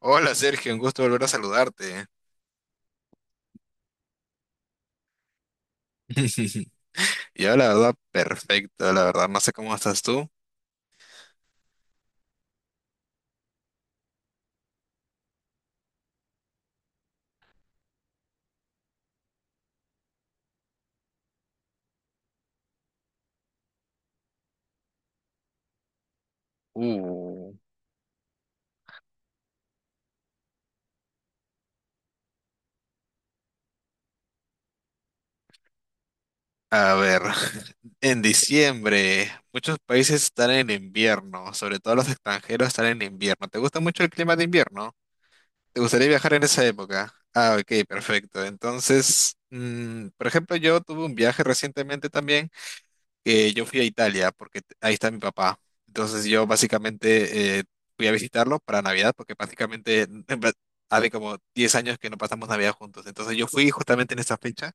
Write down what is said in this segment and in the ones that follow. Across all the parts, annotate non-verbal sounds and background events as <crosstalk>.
Hola Sergio, un gusto volver a saludarte. <laughs> Yo la verdad, perfecto, la verdad, no sé cómo estás tú. Uh. A ver, <laughs> en diciembre, muchos países están en invierno, sobre todo los extranjeros están en invierno. ¿Te gusta mucho el clima de invierno? ¿Te gustaría viajar en esa época? Ah, ok, perfecto. Entonces, por ejemplo, yo tuve un viaje recientemente también, que yo fui a Italia porque ahí está mi papá. Entonces yo básicamente fui a visitarlo para Navidad porque prácticamente <laughs> en verdad, hace como 10 años que no pasamos Navidad juntos. Entonces yo fui justamente en esa fecha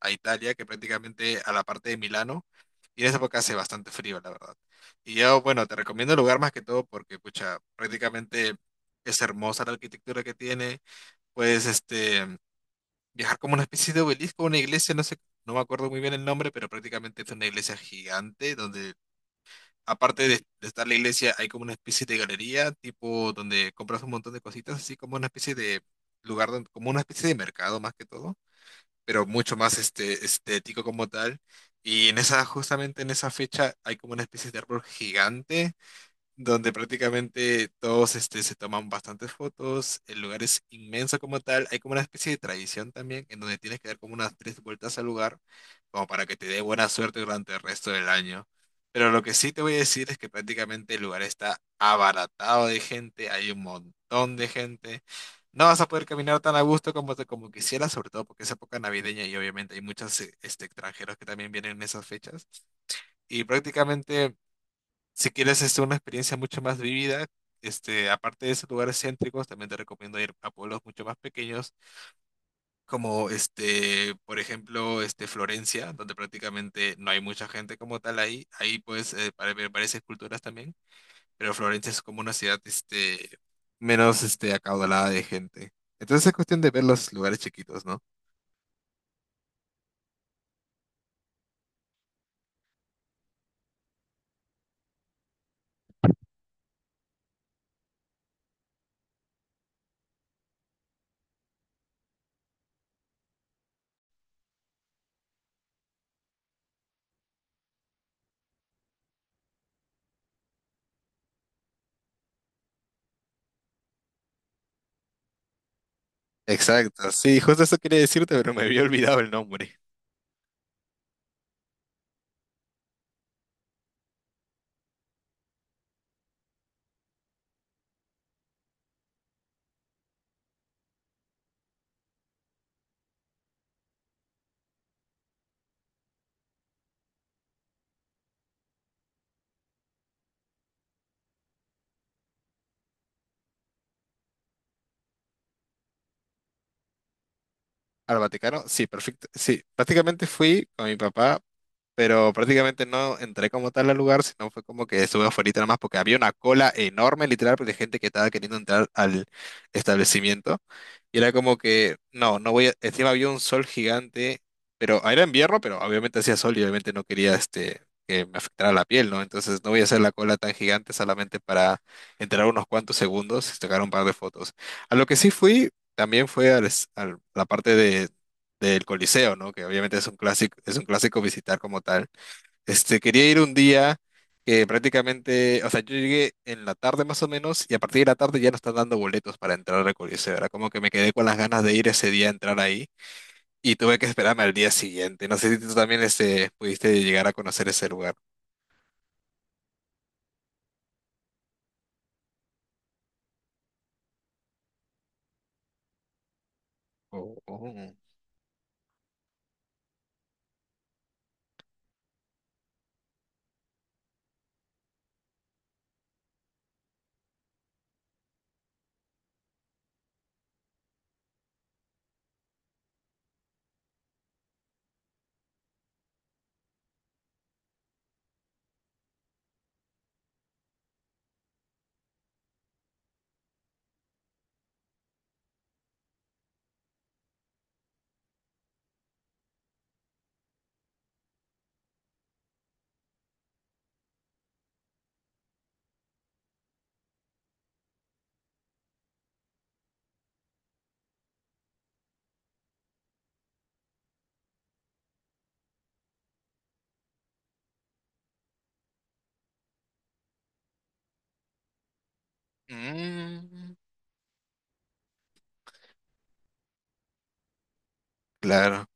a Italia, que prácticamente a la parte de Milano. Y en esa época hace bastante frío, la verdad. Y yo, bueno, te recomiendo el lugar más que todo porque, pucha, prácticamente es hermosa la arquitectura que tiene. Pues, viajar como una especie de obelisco, una iglesia, no sé, no me acuerdo muy bien el nombre, pero prácticamente es una iglesia gigante donde, aparte de estar la iglesia, hay como una especie de galería, tipo donde compras un montón de cositas, así como una especie de lugar, como una especie de mercado más que todo, pero mucho más estético como tal. Y justamente en esa fecha, hay como una especie de árbol gigante donde prácticamente todos se toman bastantes fotos, el lugar es inmenso como tal, hay como una especie de tradición también, en donde tienes que dar como unas 3 vueltas al lugar, como para que te dé buena suerte durante el resto del año. Pero lo que sí te voy a decir es que prácticamente el lugar está abaratado de gente, hay un montón de gente. No vas a poder caminar tan a gusto como quisieras, sobre todo porque es época navideña y obviamente hay muchos extranjeros que también vienen en esas fechas. Y prácticamente si quieres una experiencia mucho más vivida, aparte de esos lugares céntricos, también te recomiendo ir a pueblos mucho más pequeños, como por ejemplo, Florencia, donde prácticamente no hay mucha gente como tal ahí. Ahí puedes para ver varias esculturas también, pero Florencia es como una ciudad menos acaudalada de gente. Entonces es cuestión de ver los lugares chiquitos, ¿no? Exacto, sí, justo eso quería decirte, pero me había olvidado el nombre. Al Vaticano, sí, perfecto. Sí, prácticamente fui con mi papá pero prácticamente no entré como tal al lugar, sino fue como que estuve afuera nada más porque había una cola enorme, literal, pues, de gente que estaba queriendo entrar al establecimiento. Y era como que, no, no voy a... Encima había un sol gigante, pero ah, era invierno, pero obviamente hacía sol y obviamente no quería que me afectara la piel, ¿no? Entonces no voy a hacer la cola tan gigante solamente para entrar unos cuantos segundos y sacar un par de fotos. A lo que sí fui, también fue al a la parte del Coliseo, ¿no? Que obviamente es un clásico visitar como tal. Quería ir un día que prácticamente, o sea, yo llegué en la tarde más o menos y a partir de la tarde ya no están dando boletos para entrar al Coliseo. Era como que me quedé con las ganas de ir ese día a entrar ahí y tuve que esperarme al día siguiente. No sé si tú también pudiste llegar a conocer ese lugar. Oh, oh. Mm, claro.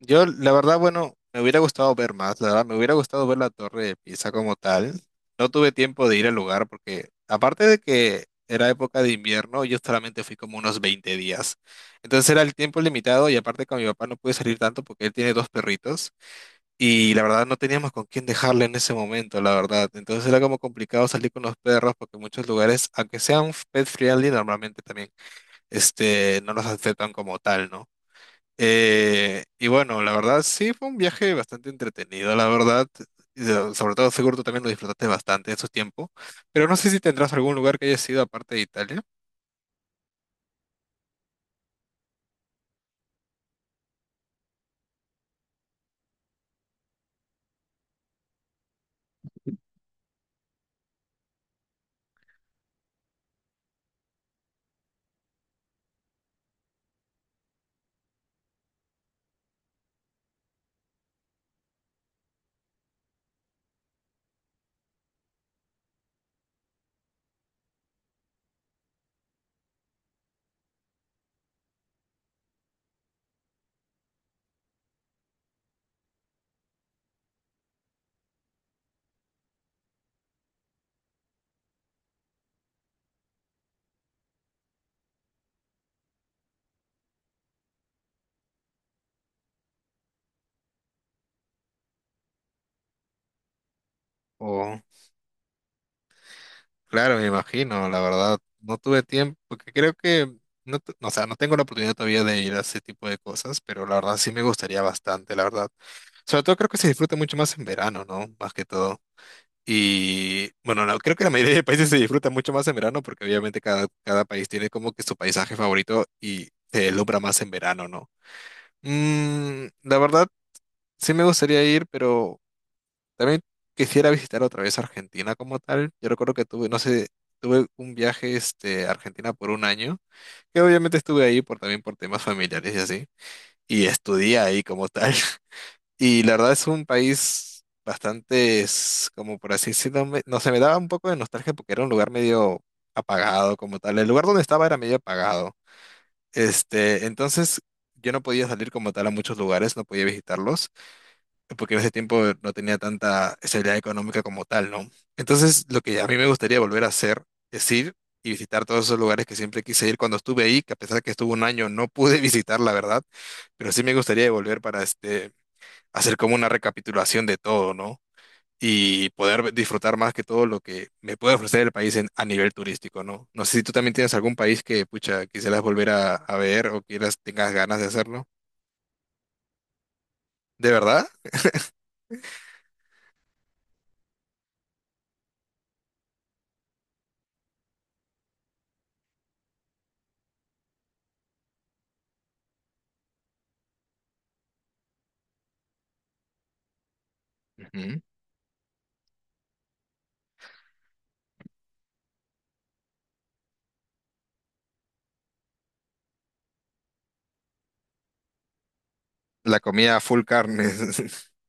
Yo, la verdad, bueno, me hubiera gustado ver más, la verdad, me hubiera gustado ver la Torre de Pisa como tal. No tuve tiempo de ir al lugar porque, aparte de que era época de invierno, yo solamente fui como unos 20 días. Entonces era el tiempo limitado y aparte con mi papá no pude salir tanto porque él tiene dos perritos y la verdad no teníamos con quién dejarle en ese momento, la verdad. Entonces era como complicado salir con los perros porque muchos lugares, aunque sean pet friendly, normalmente también, no los aceptan como tal, ¿no? Y bueno, la verdad sí fue un viaje bastante entretenido, la verdad. Y sobre todo seguro tú también lo disfrutaste bastante en su tiempo. Pero no sé si tendrás algún lugar que hayas ido aparte de Italia. O, claro, me imagino, la verdad. No tuve tiempo, porque creo que, no, o sea, no tengo la oportunidad todavía de ir a ese tipo de cosas, pero la verdad sí me gustaría bastante, la verdad. Sobre todo creo que se disfruta mucho más en verano, ¿no? Más que todo. Y bueno, no, creo que la mayoría de países se disfruta mucho más en verano porque obviamente cada país tiene como que su paisaje favorito y se deslumbra más en verano, ¿no? La verdad, sí me gustaría ir, pero también quisiera visitar otra vez Argentina como tal. Yo recuerdo que tuve, no sé, tuve un viaje a Argentina por un año, que obviamente estuve ahí por, también por temas familiares y así, y estudié ahí como tal. <laughs> Y la verdad es un país bastante, es como por así decirlo, no sé, me daba un poco de nostalgia porque era un lugar medio apagado como tal. El lugar donde estaba era medio apagado. Entonces yo no podía salir como tal a muchos lugares, no podía visitarlos, porque en ese tiempo no tenía tanta estabilidad económica como tal, ¿no? Entonces lo que a mí me gustaría volver a hacer es ir y visitar todos esos lugares que siempre quise ir cuando estuve ahí, que a pesar que estuve un año no pude <laughs> visitar, la verdad, pero sí me gustaría volver para hacer como una recapitulación de todo, ¿no? Y poder disfrutar más que todo lo que me puede ofrecer el país a nivel turístico, ¿no? No sé si tú también tienes algún país que, pucha, quisieras volver a ver o quieras, tengas ganas de hacerlo. ¿De verdad? Ujú. La comida full carne, <laughs>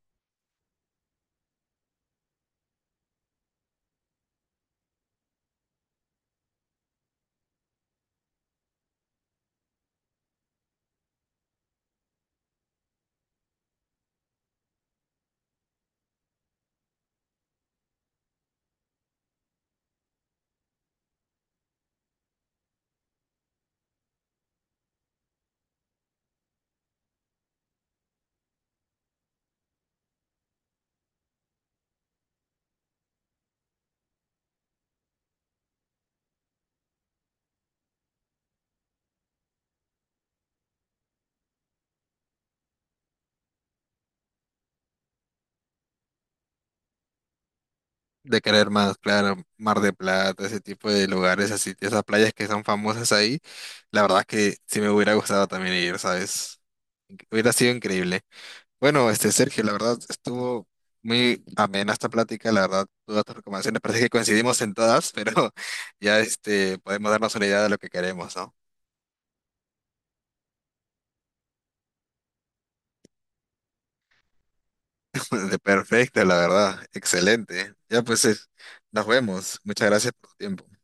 de querer más, claro, Mar de Plata, ese tipo de lugares así, esas playas que son famosas ahí, la verdad es que sí me hubiera gustado también ir, ¿sabes? Hubiera sido increíble. Bueno, Sergio, la verdad estuvo muy amena esta plática, la verdad, todas tus recomendaciones parece que coincidimos en todas, pero <laughs> ya podemos darnos una idea de lo que queremos, ¿no? <laughs> De perfecto, la verdad, excelente. Ya pues, nos vemos. Muchas gracias por tu tiempo.